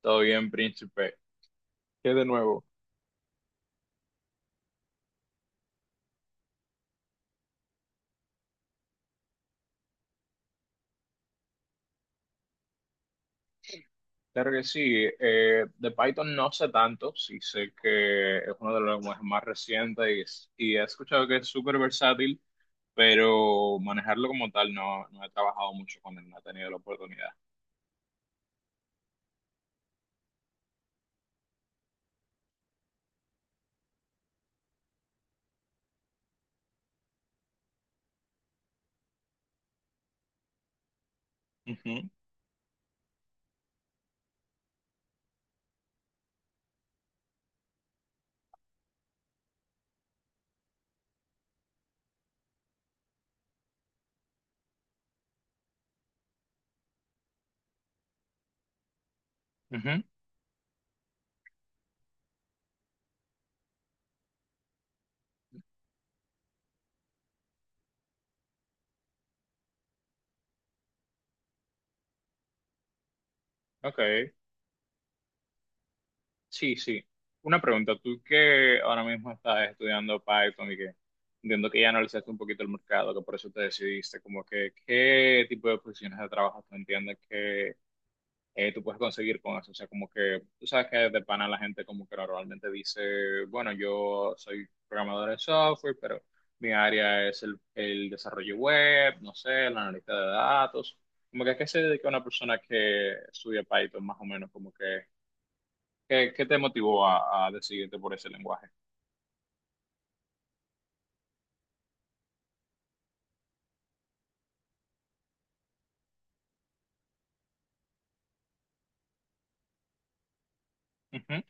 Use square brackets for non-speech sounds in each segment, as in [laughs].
Todo bien, príncipe. ¿Qué de nuevo? Claro que sí. De Python no sé tanto, sí sé que es uno de los lenguajes más recientes y, y he escuchado que es súper versátil, pero manejarlo como tal no he trabajado mucho con él, no he tenido la oportunidad. Ujú, ujú. Ok, sí, sí. Una pregunta, tú que ahora mismo estás estudiando Python y que entiendo que ya analizaste un poquito el mercado, que por eso te decidiste, como que, ¿qué tipo de posiciones de trabajo tú entiendes que tú puedes conseguir con eso? O sea, como que tú sabes que de pana la gente como que normalmente dice, bueno, yo soy programador de software, pero mi área es el desarrollo web, no sé, el analista de datos. Como que a qué se dedica una persona que estudia Python más o menos, como que, ¿qué, qué te motivó a decidirte por ese lenguaje? Ujú,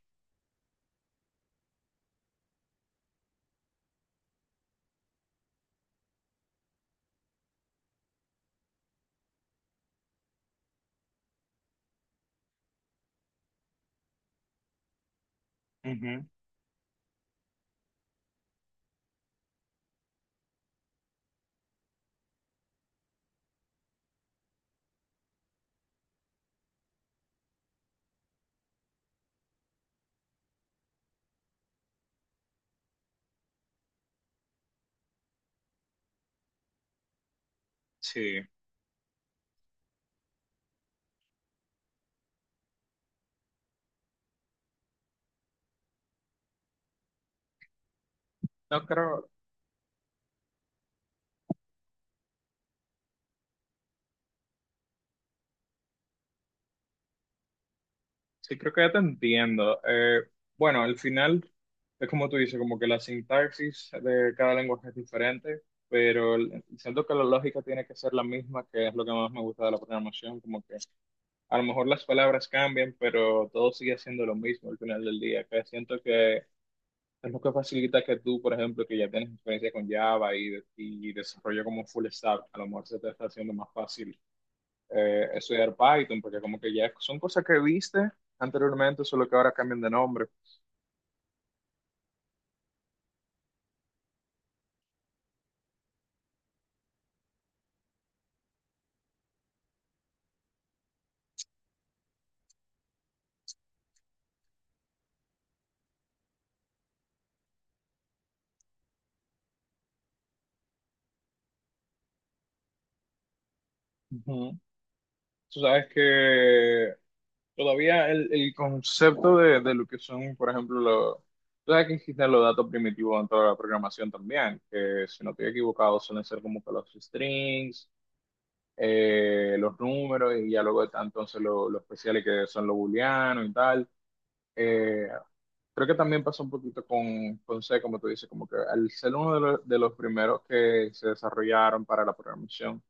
ujú. Sí, no creo. Sí, creo que ya te entiendo. Bueno, al final es como tú dices, como que la sintaxis de cada lenguaje es diferente, pero siento que la lógica tiene que ser la misma, que es lo que más me gusta de la programación, como que a lo mejor las palabras cambian, pero todo sigue siendo lo mismo al final del día, que siento que es lo que facilita que tú, por ejemplo, que ya tienes experiencia con Java y, y desarrollo como full stack, a lo mejor se te está haciendo más fácil estudiar Python, porque como que ya son cosas que viste anteriormente, solo que ahora cambian de nombre. Ujú. Tú sabes que todavía el concepto de lo que son, por ejemplo, los... Tú sabes que existen los datos primitivos en toda la programación también, que si no estoy equivocado suelen ser como que los strings, los números y ya luego están entonces los especiales que son los booleanos y tal. Eh, Creo que también pasó un poquito con C, como tú dices, como que al ser uno de de los primeros que se desarrollaron para la programación,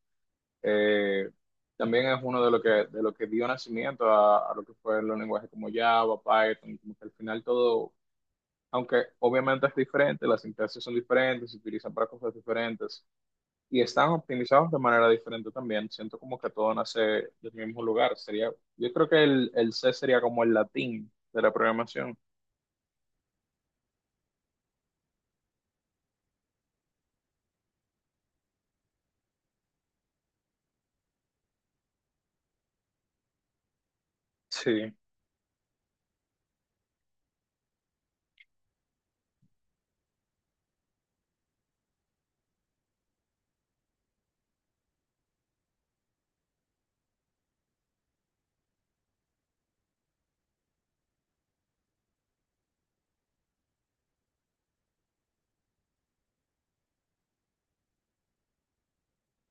eh, también es uno de lo que dio nacimiento a lo que fue los lenguajes como Java, Python, como que al final todo, aunque obviamente es diferente, las sintaxis son diferentes, se utilizan para cosas diferentes y están optimizados de manera diferente también. Siento como que todo nace del mismo lugar. Sería, yo creo que el C sería como el latín de la programación. Sí.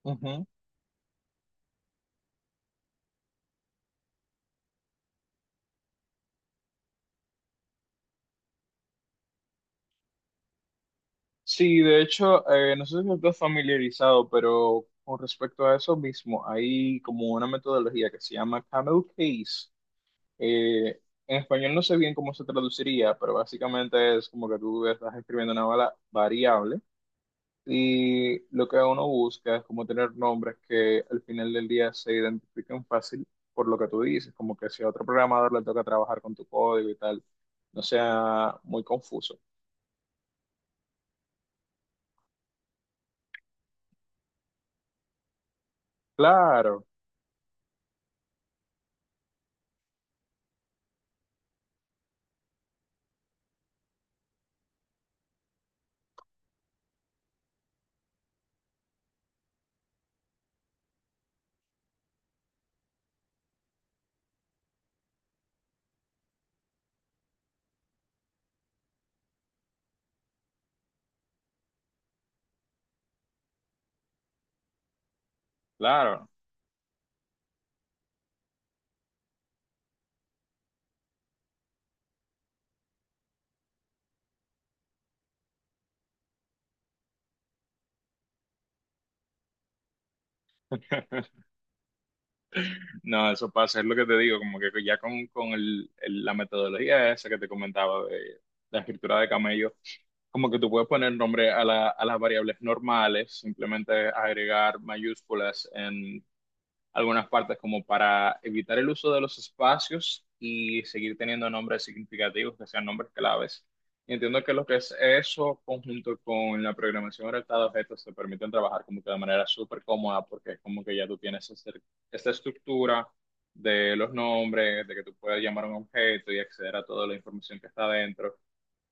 Ujú. Sí, de hecho, no sé si estás familiarizado, pero con respecto a eso mismo, hay como una metodología que se llama Camel Case. Eh, en español no sé bien cómo se traduciría, pero básicamente es como que tú estás escribiendo una variable y lo que uno busca es como tener nombres que al final del día se identifiquen fácil por lo que tú dices, como que si a otro programador le toca trabajar con tu código y tal, no sea muy confuso. Claro, claro. [laughs] No, eso pasa, es lo que te digo, como que ya con la metodología esa que te comentaba de la escritura de camello, como que tú puedes poner nombre a, a las variables normales, simplemente agregar mayúsculas algunas partes como para evitar el uso de los espacios y seguir teniendo nombres significativos que sean nombres claves. Y entiendo que lo que es eso, conjunto con la programación orientada a objetos, te permiten trabajar como que de manera súper cómoda, porque es como que ya tú tienes esta estructura de los nombres, de que tú puedes llamar a un objeto y acceder a toda la información que está dentro.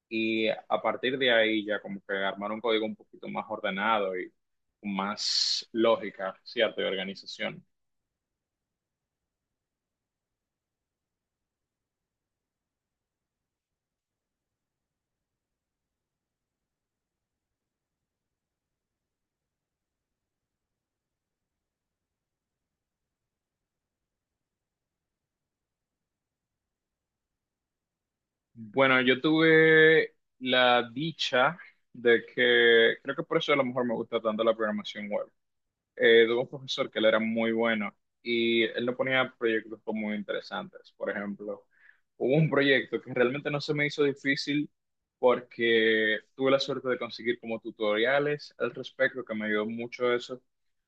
Y a partir de ahí ya como que armar un código un poquito más ordenado y con más lógica, ¿cierto? Y organización. Bueno, yo tuve la dicha de que, creo que por eso a lo mejor me gusta tanto la programación web. Tuve un profesor que él era muy bueno y él nos ponía proyectos muy interesantes. Por ejemplo, hubo un proyecto que realmente no se me hizo difícil porque tuve la suerte de conseguir como tutoriales al respecto, que me ayudó mucho eso.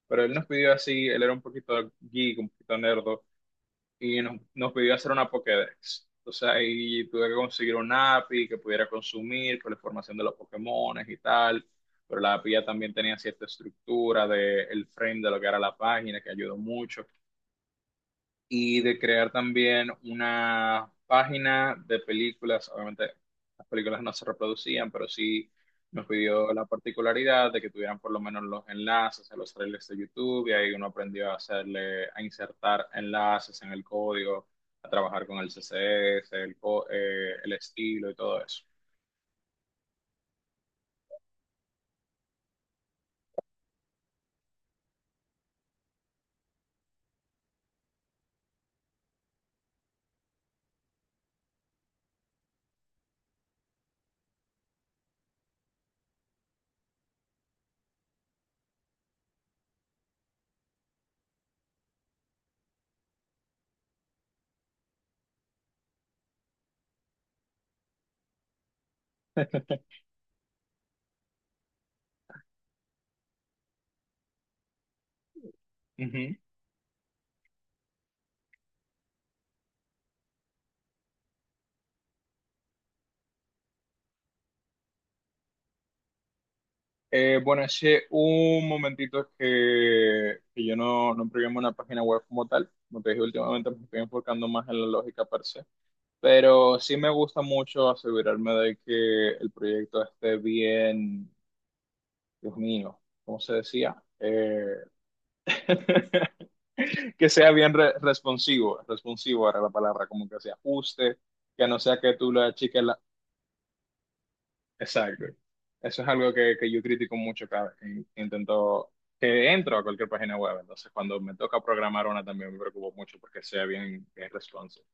Pero él nos pidió así, él era un poquito geek, un poquito nerd, y nos pidió hacer una Pokédex. Entonces ahí tuve que conseguir un API que pudiera consumir con la información de los Pokémones y tal, pero la API ya también tenía cierta estructura del frame de lo que era la página, que ayudó mucho y de crear también una página de películas. Obviamente las películas no se reproducían, pero sí nos pidió la particularidad de que tuvieran por lo menos los enlaces a los trailers de YouTube y ahí uno aprendió a hacerle, a insertar enlaces en el código, a trabajar con el CSS, el estilo y todo eso. Ujú. Bueno, hace un momentito que yo no programo una página web como tal. Como te dije, últimamente me estoy enfocando más en la lógica per se. Pero sí me gusta mucho asegurarme de que el proyecto esté bien, Dios mío, ¿cómo se decía? [laughs] Que sea bien responsivo, responsivo era la palabra, como que se ajuste, que no sea que tú le achiques. Exacto. Eso es algo que yo critico mucho cada vez que intento, que entro a cualquier página web. Entonces, cuando me toca programar una también me preocupo mucho porque sea bien, bien responsive.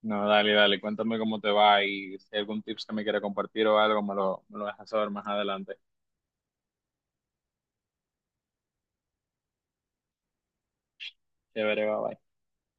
No, dale, dale, cuéntame cómo te va y si hay algún tips que me quiera compartir o algo, me lo dejas saber más adelante. Chévere, bye, bye.